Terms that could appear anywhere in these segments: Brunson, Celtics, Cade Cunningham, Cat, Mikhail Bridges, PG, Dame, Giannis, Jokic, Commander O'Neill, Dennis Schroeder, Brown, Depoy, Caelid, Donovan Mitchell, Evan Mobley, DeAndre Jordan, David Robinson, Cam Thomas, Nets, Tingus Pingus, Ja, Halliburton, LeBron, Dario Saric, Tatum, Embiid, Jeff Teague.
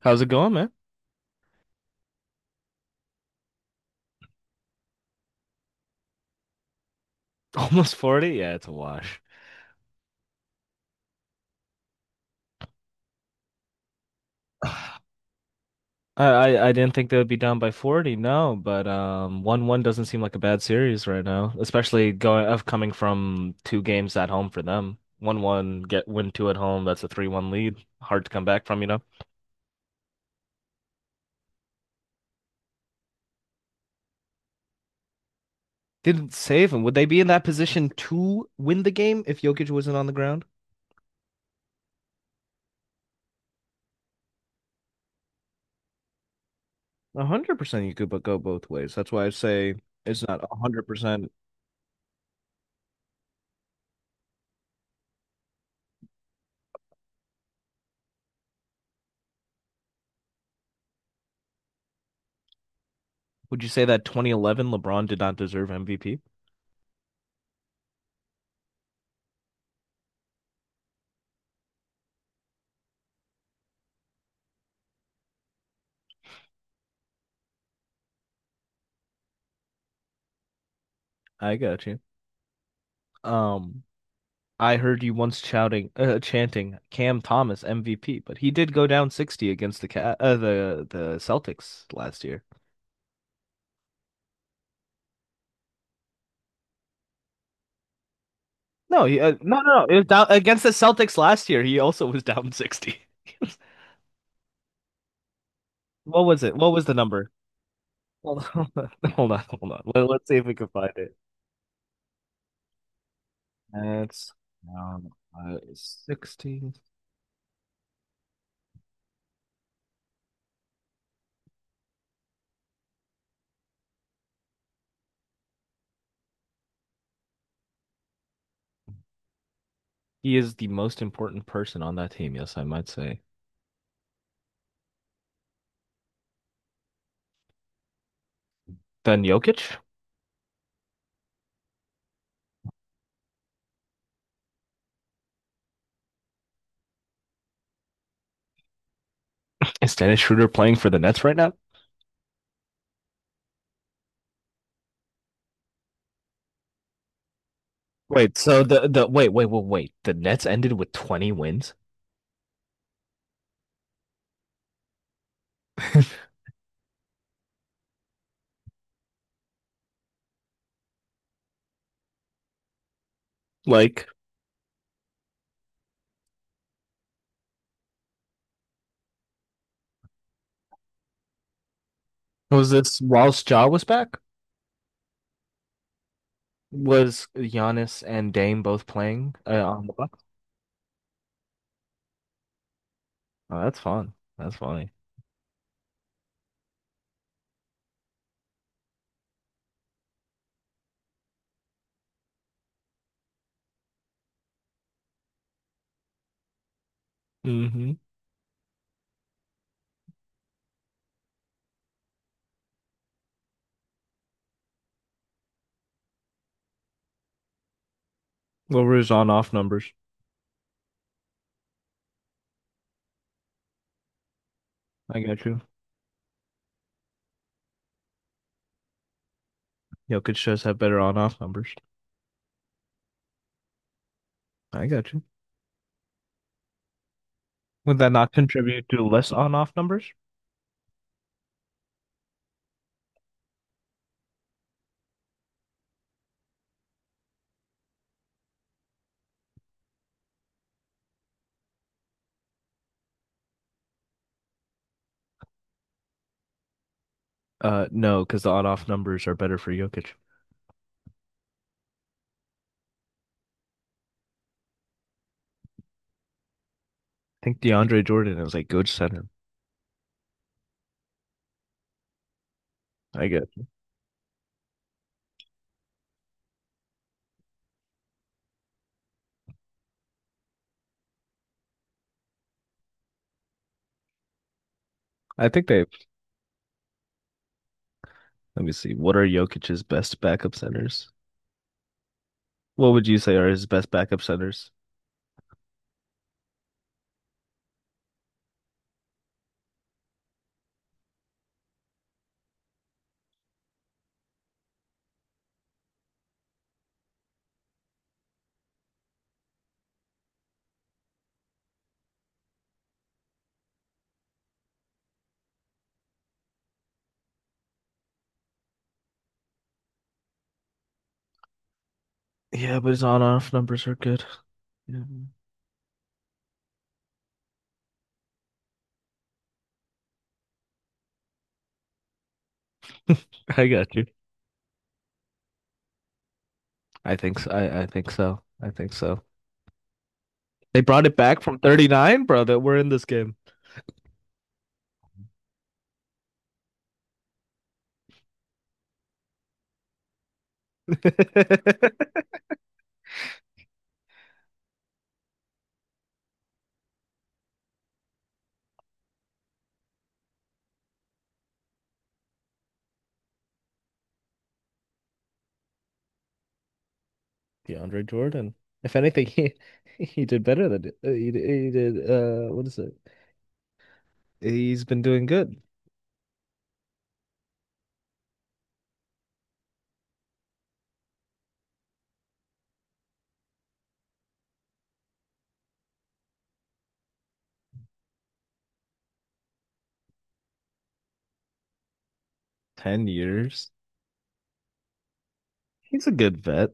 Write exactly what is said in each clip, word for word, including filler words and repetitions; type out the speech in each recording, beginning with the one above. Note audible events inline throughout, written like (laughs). How's it going, man? (laughs) Almost forty? Yeah, it's a wash. (sighs) I, I I didn't think they would be down by forty, no, but um one one doesn't seem like a bad series right now, especially going of coming from two games at home for them. one one get win two at home, that's a three one lead. Hard to come back from, you know. Didn't save them. Would they be in that position to win the game if Jokic wasn't on the ground? one hundred percent you could but go both ways. That's why I say it's not one hundred percent. Would you say that twenty eleven LeBron did not deserve M V P? I got you. Um, I heard you once shouting, uh, chanting Cam Thomas M V P, but he did go down sixty against the Ca- uh, the the Celtics last year. No, he, uh, no, no, no, it was down against the Celtics last year. He also was down sixty. (laughs) What was it? What was the number? Hold on, (laughs) hold on, hold on. Let, us see if we can find it. That's um, uh, sixty. He is the most important person on that team, yes, I might say. Then Jokic? Is Dennis Schroeder playing for the Nets right now? Wait, so the the wait, wait, wait, wait. The Nets ended with twenty wins? (laughs) Like, was this whilst Ja was back? Was Giannis and Dame both playing uh, on the Bucks? Oh, that's fun. That's funny. Mm-hmm. What were his on-off numbers? I got you. Jokic does have better on-off numbers. I got you. Would that not contribute to less on-off numbers? Uh, no, because the on-off numbers are better for Jokic. I think DeAndre Jordan is like good center. I get. I think they. Let me see. What are Jokic's best backup centers? What would you say are his best backup centers? Yeah, but his on-off numbers are good. Yeah. I got you. I think so. I, I think so. I think so. They brought it back from thirty-nine, bro, that we're in this game. (laughs) DeAndre Jordan. If anything, he he did better than uh, he, did- he did. Uh, what is it? He's been doing good. ten years. He's a good vet.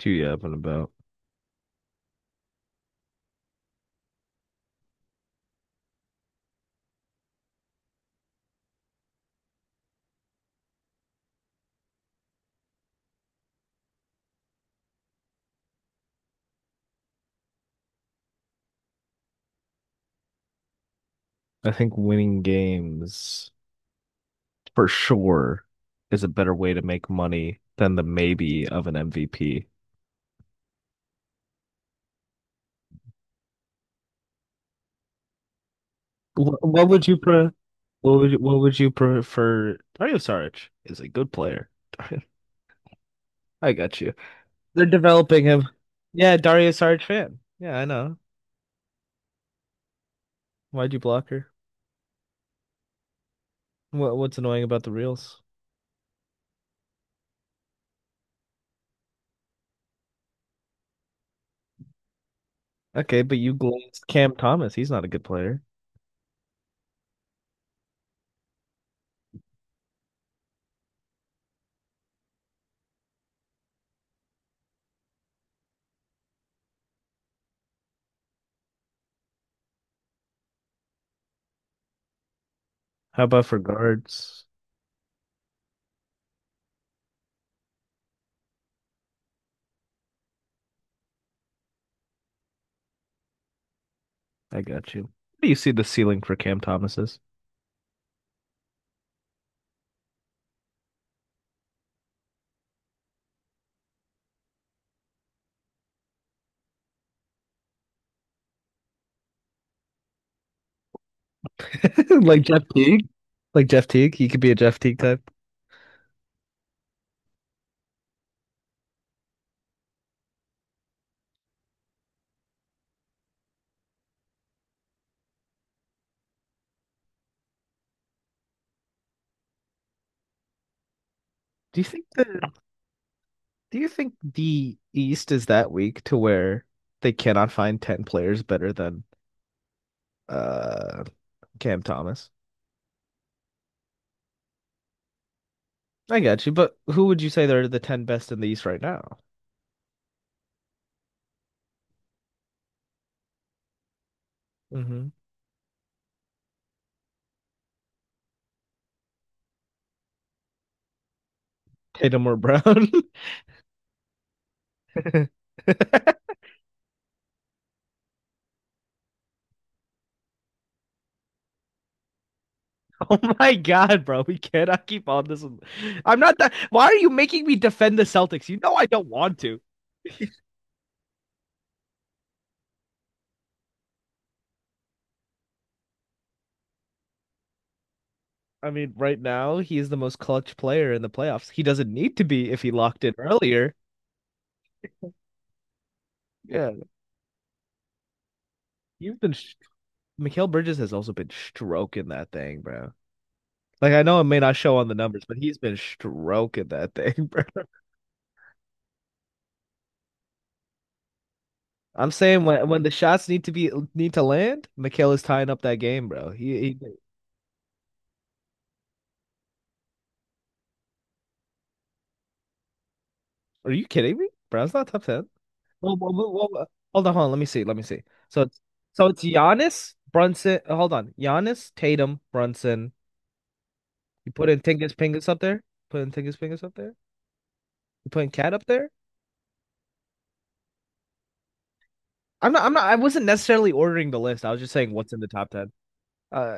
Too yapping about. I think winning games for sure is a better way to make money than the maybe of an M V P. What, what would you pre what would you, what would you prefer? Dario Saric is a good player. (laughs) Dario- I got you. They're developing him. Yeah, Dario Saric fan. Yeah, I know. Why'd you block her? What what's annoying about the reels? Okay, but you glazed Cam Thomas. He's not a good player. How about for guards? I got you. What do you see the ceiling for Cam Thomas is? (laughs) Like Jeff Teague, like Jeff Teague. He could be a Jeff Teague type. Do you think the do you think the East is that weak to where they cannot find ten players better than uh Cam Thomas? I got you, but who would you say are the ten best in the East right now? Mm-hmm. Tatum or Brown? (laughs) (laughs) Oh my God, bro. We cannot keep on this. I'm not that. Why are you making me defend the Celtics? You know I don't want to. I mean, right now, he is the most clutch player in the playoffs. He doesn't need to be if he locked in earlier. Yeah. You've been. Mikhail Bridges has also been stroking that thing, bro. Like, I know it may not show on the numbers, but he's been stroking that (laughs) thing, bro. I'm saying when when the shots need to be need to land, Mikhail is tying up that game, bro. He, he Are you kidding me? Brown's not top ten. Well, well, well, well, well, hold on, hold on. Let me see. Let me see. So, it's- so it's Giannis, Brunson. uh, Hold on, Giannis, Tatum, Brunson. You put in Tingus Pingus up there. Put in Tingus Pingus up there. You putting Cat up there. I'm not. I'm not. I wasn't necessarily ordering the list. I was just saying what's in the top ten. Uh,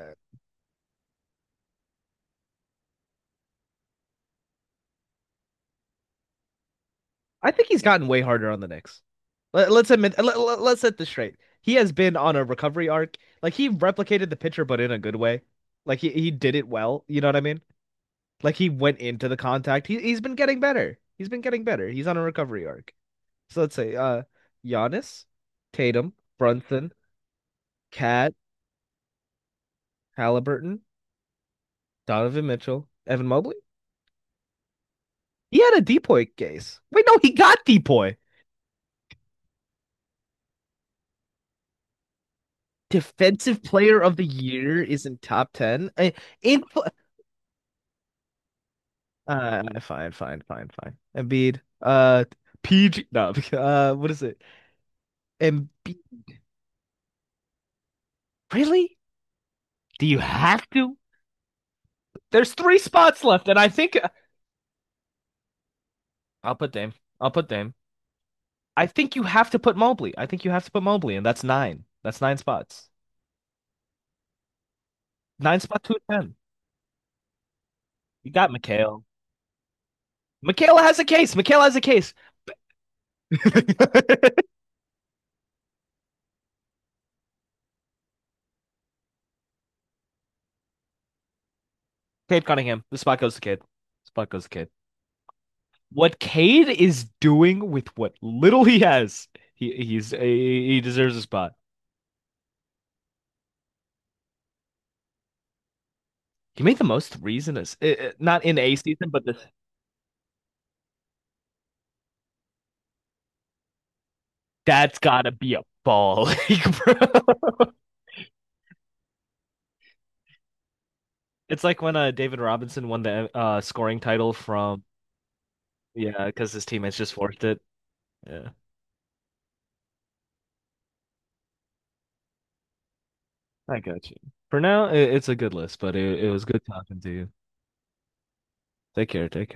I think he's gotten way harder on the Knicks. Let, let's admit. Let, let, let's set this straight. He has been on a recovery arc. Like he replicated the pitcher, but in a good way. Like he he did it well. You know what I mean? Like he went into the contact. He he's been getting better. He's been getting better. He's on a recovery arc. So let's say uh Giannis, Tatum, Brunson, Cat, Halliburton, Donovan Mitchell, Evan Mobley. He had a Depoy case. Wait, no, he got Depoy. Defensive player of the year is in top ten. Uh, In uh fine, fine, fine, fine. Embiid. Uh P G no, (laughs) uh what is it? Embiid really? Do you have to? There's three spots left, and I think I'll put Dame. I'll put Dame. I think you have to put Mobley. I think you have to put Mobley, and that's nine. That's nine spots. Nine spot two ten. You got Mikhail. Mikhail has a case. Mikhail has a case. (laughs) Cade Cunningham. The spot goes to Cade. Spot goes to Cade. What Cade is doing with what little he has, he he's he deserves a spot. He made the most threes in this, eh, eh, not in a season, but this. That's gotta be a ball league, bro. (laughs) It's like when uh, David Robinson won the uh, scoring title from Yeah, because his teammates just forced it. Yeah, I got you. For now, it, it's a good list, but it, it was good talking to you. Take care. Take care.